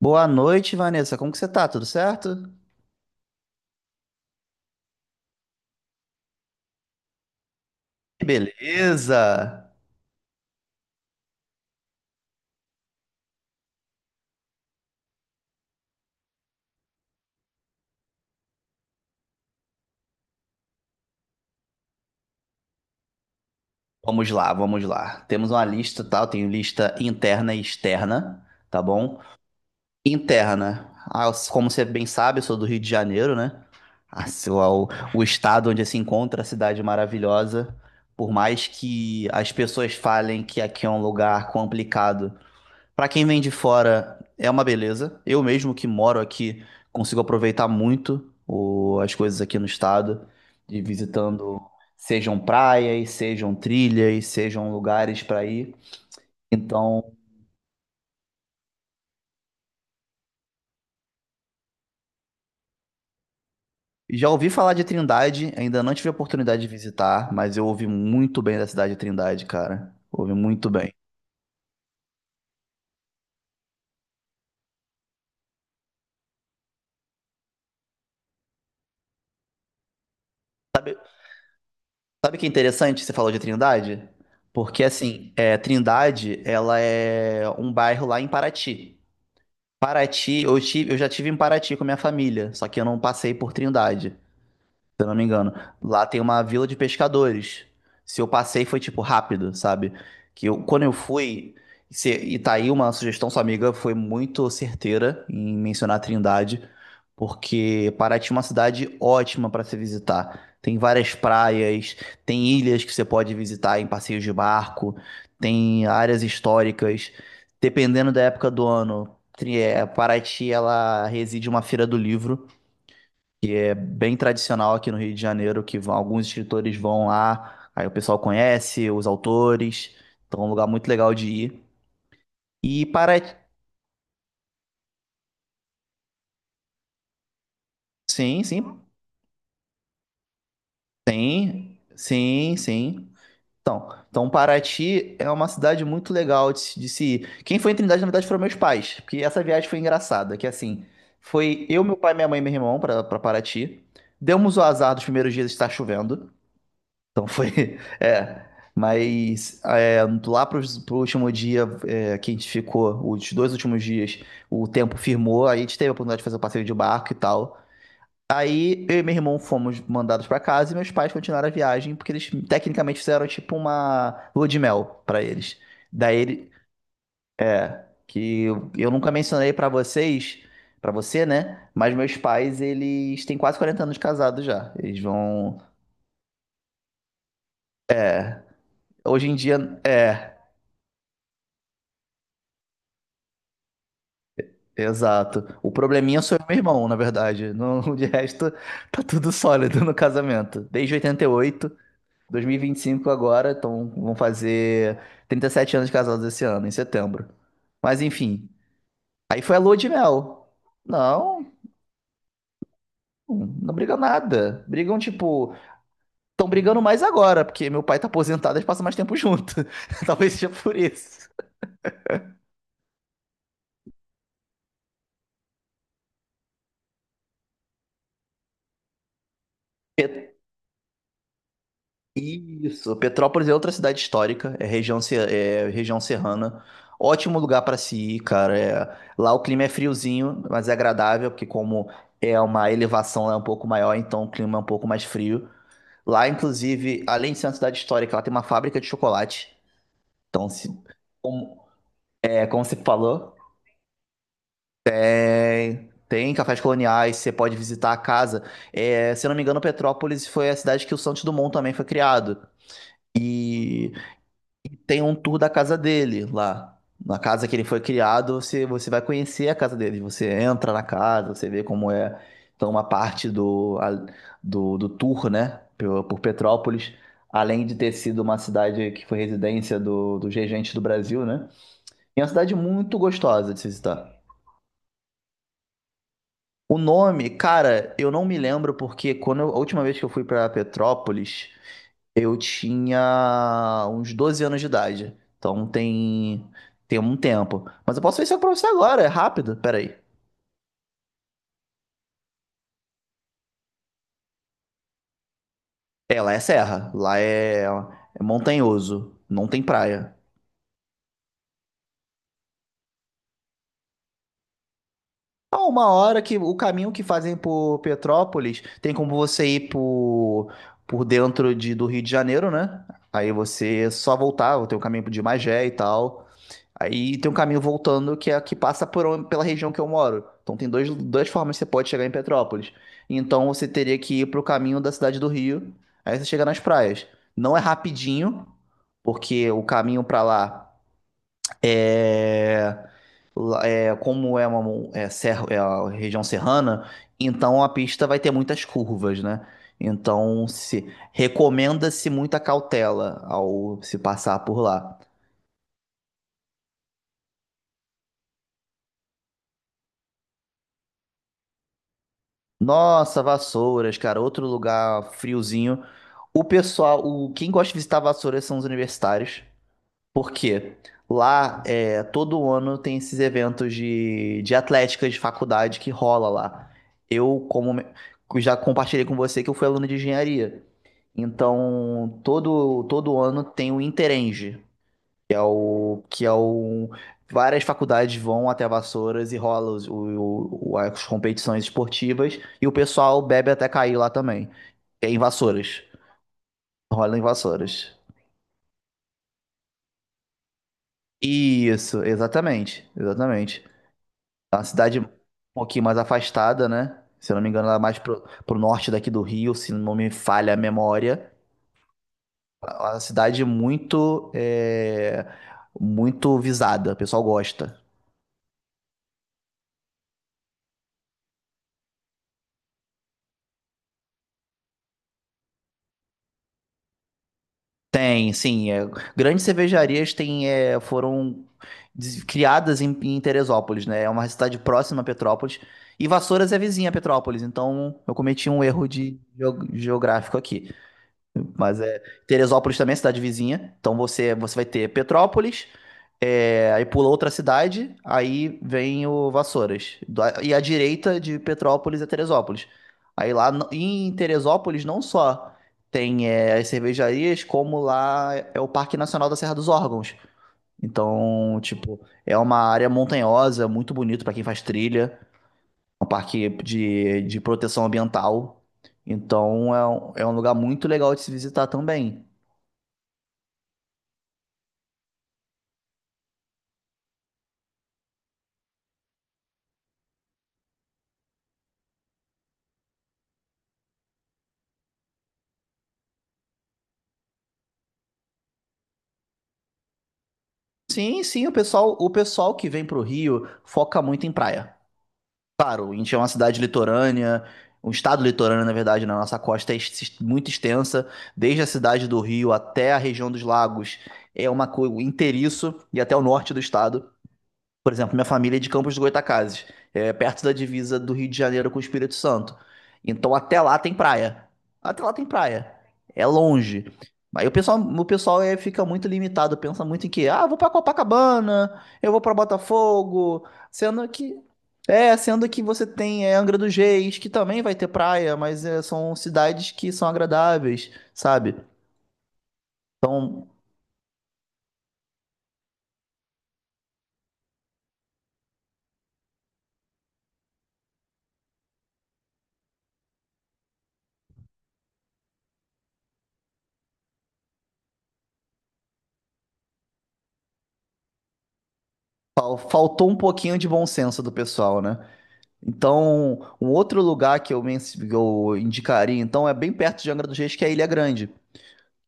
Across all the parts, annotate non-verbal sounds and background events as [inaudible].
Boa noite, Vanessa. Como que você tá? Tudo certo? Beleza! Vamos lá, vamos lá. Temos uma lista, tá? Eu tenho lista interna e externa, tá bom? Interna. Ah, como você bem sabe, eu sou do Rio de Janeiro, né? A sua- o, o estado onde se encontra a cidade maravilhosa. Por mais que as pessoas falem que aqui é um lugar complicado, para quem vem de fora, é uma beleza. Eu mesmo que moro aqui, consigo aproveitar muito as coisas aqui no estado, de visitando, sejam praias, sejam trilhas, sejam lugares para ir. Então, já ouvi falar de Trindade, ainda não tive a oportunidade de visitar, mas eu ouvi muito bem da cidade de Trindade, cara. Ouvi muito bem. Sabe que é interessante que você falou de Trindade? Porque assim, Trindade, ela é um bairro lá em Paraty. Paraty, eu já tive em Paraty com a minha família, só que eu não passei por Trindade, se eu não me engano. Lá tem uma vila de pescadores. Se eu passei foi tipo rápido, sabe? Que eu, quando eu fui, e tá aí uma sugestão, sua amiga foi muito certeira em mencionar a Trindade, porque Paraty é uma cidade ótima para se visitar. Tem várias praias, tem ilhas que você pode visitar em passeios de barco, tem áreas históricas. Dependendo da época do ano, Paraty ela reside uma feira do livro que é bem tradicional aqui no Rio de Janeiro, alguns escritores vão lá, aí o pessoal conhece os autores, então é um lugar muito legal de ir. E Paraty, sim, sim, tem, sim, sim. Então Paraty é uma cidade muito legal de se ir. Quem foi em Trindade, na verdade, foram meus pais, porque essa viagem foi engraçada, que assim, foi eu, meu pai, minha mãe e meu irmão para Paraty. Demos o azar dos primeiros dias estar chovendo. Então foi. [laughs] É. Mas é, lá pro último dia que a gente ficou, os dois últimos dias, o tempo firmou, aí a gente teve a oportunidade de fazer o passeio de barco e tal. Aí eu e meu irmão fomos mandados pra casa e meus pais continuaram a viagem, porque eles tecnicamente fizeram tipo uma lua de mel pra eles. Daí ele, que eu nunca mencionei pra vocês, pra você, né? Mas meus pais, eles têm quase 40 anos de casado já. Eles vão. Hoje em dia, é. Exato. O probleminha sou eu e meu irmão, na verdade. No, [laughs] de resto, tá tudo sólido no casamento. Desde 88, 2025 agora, então vão fazer 37 anos de casados esse ano, em setembro. Mas enfim, aí foi a lua de mel. Não, não brigam nada. Brigam, tipo, estão brigando mais agora, porque meu pai tá aposentado, e passam mais tempo junto. [laughs] Talvez seja por isso. Isso, Petrópolis é outra cidade histórica, é região, se- é região serrana. Ótimo lugar para se ir, cara. Lá o clima é friozinho, mas é agradável, porque como é uma elevação lá é um pouco maior, então o clima é um pouco mais frio. Lá, inclusive, além de ser uma cidade histórica, lá tem uma fábrica de chocolate. Então, se, como, é, como você falou, tem cafés coloniais, você pode visitar a casa. É, se eu não me engano, Petrópolis foi a cidade que o Santos Dumont também foi criado. Tem um tour da casa dele lá. Na casa que ele foi criado, você vai conhecer a casa dele. Você entra na casa, você vê como é. Então, uma parte do tour, né, por Petrópolis, além de ter sido uma cidade que foi residência dos regentes do Brasil, né? É uma cidade muito gostosa de se visitar. O nome, cara, eu não me lembro porque a última vez que eu fui para Petrópolis. Eu tinha uns 12 anos de idade. Então tem um tempo. Mas eu posso ver isso pra você agora, é rápido. Pera aí. É, lá é serra. Lá é montanhoso. Não tem praia. Há uma hora que o caminho que fazem por Petrópolis tem como você ir por dentro do Rio de Janeiro, né? Aí você só voltar, tem o caminho de Magé e tal. Aí tem um caminho voltando que é que passa pela região que eu moro. Então tem dois, duas formas que você pode chegar em Petrópolis. Então você teria que ir pro caminho da cidade do Rio, aí você chega nas praias. Não é rapidinho, porque o caminho pra lá é, é como é uma serra, é a região serrana, então a pista vai ter muitas curvas, né? Então se recomenda-se muita cautela ao se passar por lá. Nossa, Vassouras, cara, outro lugar friozinho. O pessoal, o quem gosta de visitar Vassouras são os universitários, porque lá todo ano tem esses eventos de atlética de faculdade que rola lá. Eu, como já compartilhei com você que eu fui aluno de engenharia, então todo ano tem o Interenge que é um. Várias faculdades vão até Vassouras e rola as competições esportivas e o pessoal bebe até cair lá também. É em Vassouras. Rola em Vassouras. Isso, exatamente. Exatamente. É uma cidade um pouquinho mais afastada, né? Se eu não me engano, ela é mais pro norte daqui do Rio, se não me falha a memória. É uma cidade é, muito visada. O pessoal gosta. Tem, sim. Grandes cervejarias têm, foram criadas em Teresópolis, né? É uma cidade próxima a Petrópolis. E Vassouras é vizinha a Petrópolis, então eu cometi um erro de geográfico aqui. Mas é. Teresópolis também é cidade vizinha. Então você vai ter Petrópolis, aí pula outra cidade, aí vem o Vassouras. E à direita de Petrópolis é Teresópolis. Aí lá em Teresópolis não só tem as cervejarias, como lá é o Parque Nacional da Serra dos Órgãos. Então, tipo, é uma área montanhosa, muito bonito pra quem faz trilha um parque de proteção ambiental. Então é um lugar muito legal de se visitar também. Sim, sim, o pessoal que vem pro Rio foca muito em praia. Claro, a gente é uma cidade litorânea, um estado litorâneo, na verdade, né? Nossa costa é muito extensa, desde a cidade do Rio até a região dos lagos, é uma coisa inteiriço e até o norte do estado. Por exemplo, minha família é de Campos do Goytacazes, é perto da divisa do Rio de Janeiro com o Espírito Santo. Então até lá tem praia. Até lá tem praia. É longe. Aí o pessoal fica muito limitado, pensa muito em que, ah, vou pra Copacabana, eu vou pra Botafogo, sendo que você tem Angra dos Reis, que também vai ter praia, mas são cidades que são agradáveis, sabe? Então, faltou um pouquinho de bom senso do pessoal, né? Então, um outro lugar que eu indicaria, então, é bem perto de Angra dos Reis, que é Ilha Grande.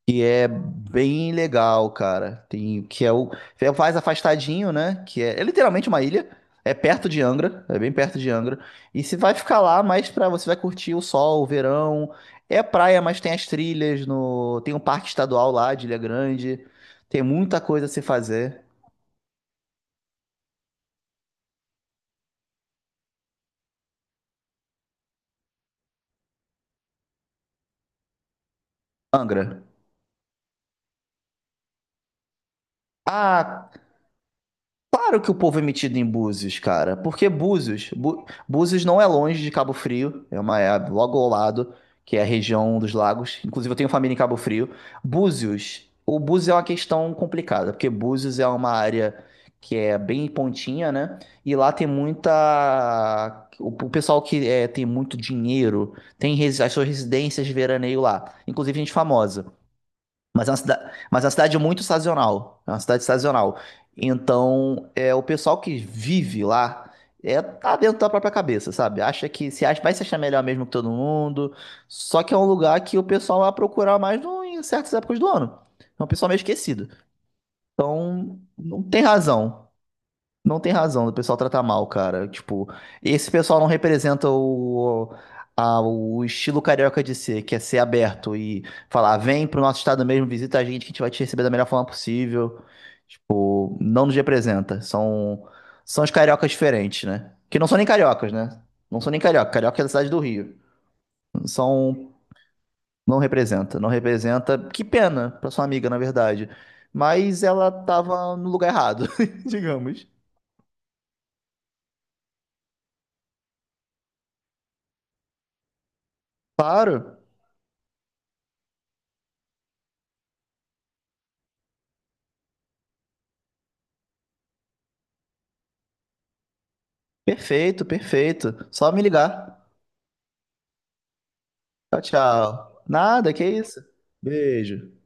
Que é bem legal, cara. Tem, que é o É mais afastadinho, né? Que é literalmente uma ilha. É perto de Angra, é bem perto de Angra. E você vai ficar lá, mas pra você vai curtir o sol, o verão. É praia, mas tem as trilhas no, tem um parque estadual lá de Ilha Grande. Tem muita coisa a se fazer. Angra. Ah, claro que o povo é metido em Búzios, cara. Porque Búzios não é longe de Cabo Frio, é uma é logo ao lado, que é a região dos lagos. Inclusive, eu tenho família em Cabo Frio. O Búzios é uma questão complicada, porque Búzios é uma área que é bem pontinha, né? E lá tem muita. O pessoal tem muito dinheiro, tem as suas residências de veraneio lá, inclusive gente famosa. Mas é uma cidade muito sazonal. É uma cidade sazonal. Então, o pessoal que vive lá tá dentro da própria cabeça, sabe? Acha que se acha, vai se achar melhor mesmo que todo mundo. Só que é um lugar que o pessoal vai procurar mais em certas épocas do ano. É um pessoal meio esquecido. Então, não tem razão. Não tem razão do pessoal tratar mal, cara. Tipo, esse pessoal não representa o estilo carioca de ser, que é ser aberto e falar, vem pro nosso estado mesmo, visita a gente, que a gente vai te receber da melhor forma possível. Tipo, não nos representa. São os cariocas diferentes, né? Que não são nem cariocas, né? Não são nem carioca. Carioca é da cidade do Rio. São, não representa, não representa. Que pena pra sua amiga, na verdade. Mas ela tava no lugar errado, [laughs] digamos. Claro. Perfeito, perfeito. Só me ligar. Tchau, tchau. Nada, que isso. Beijo.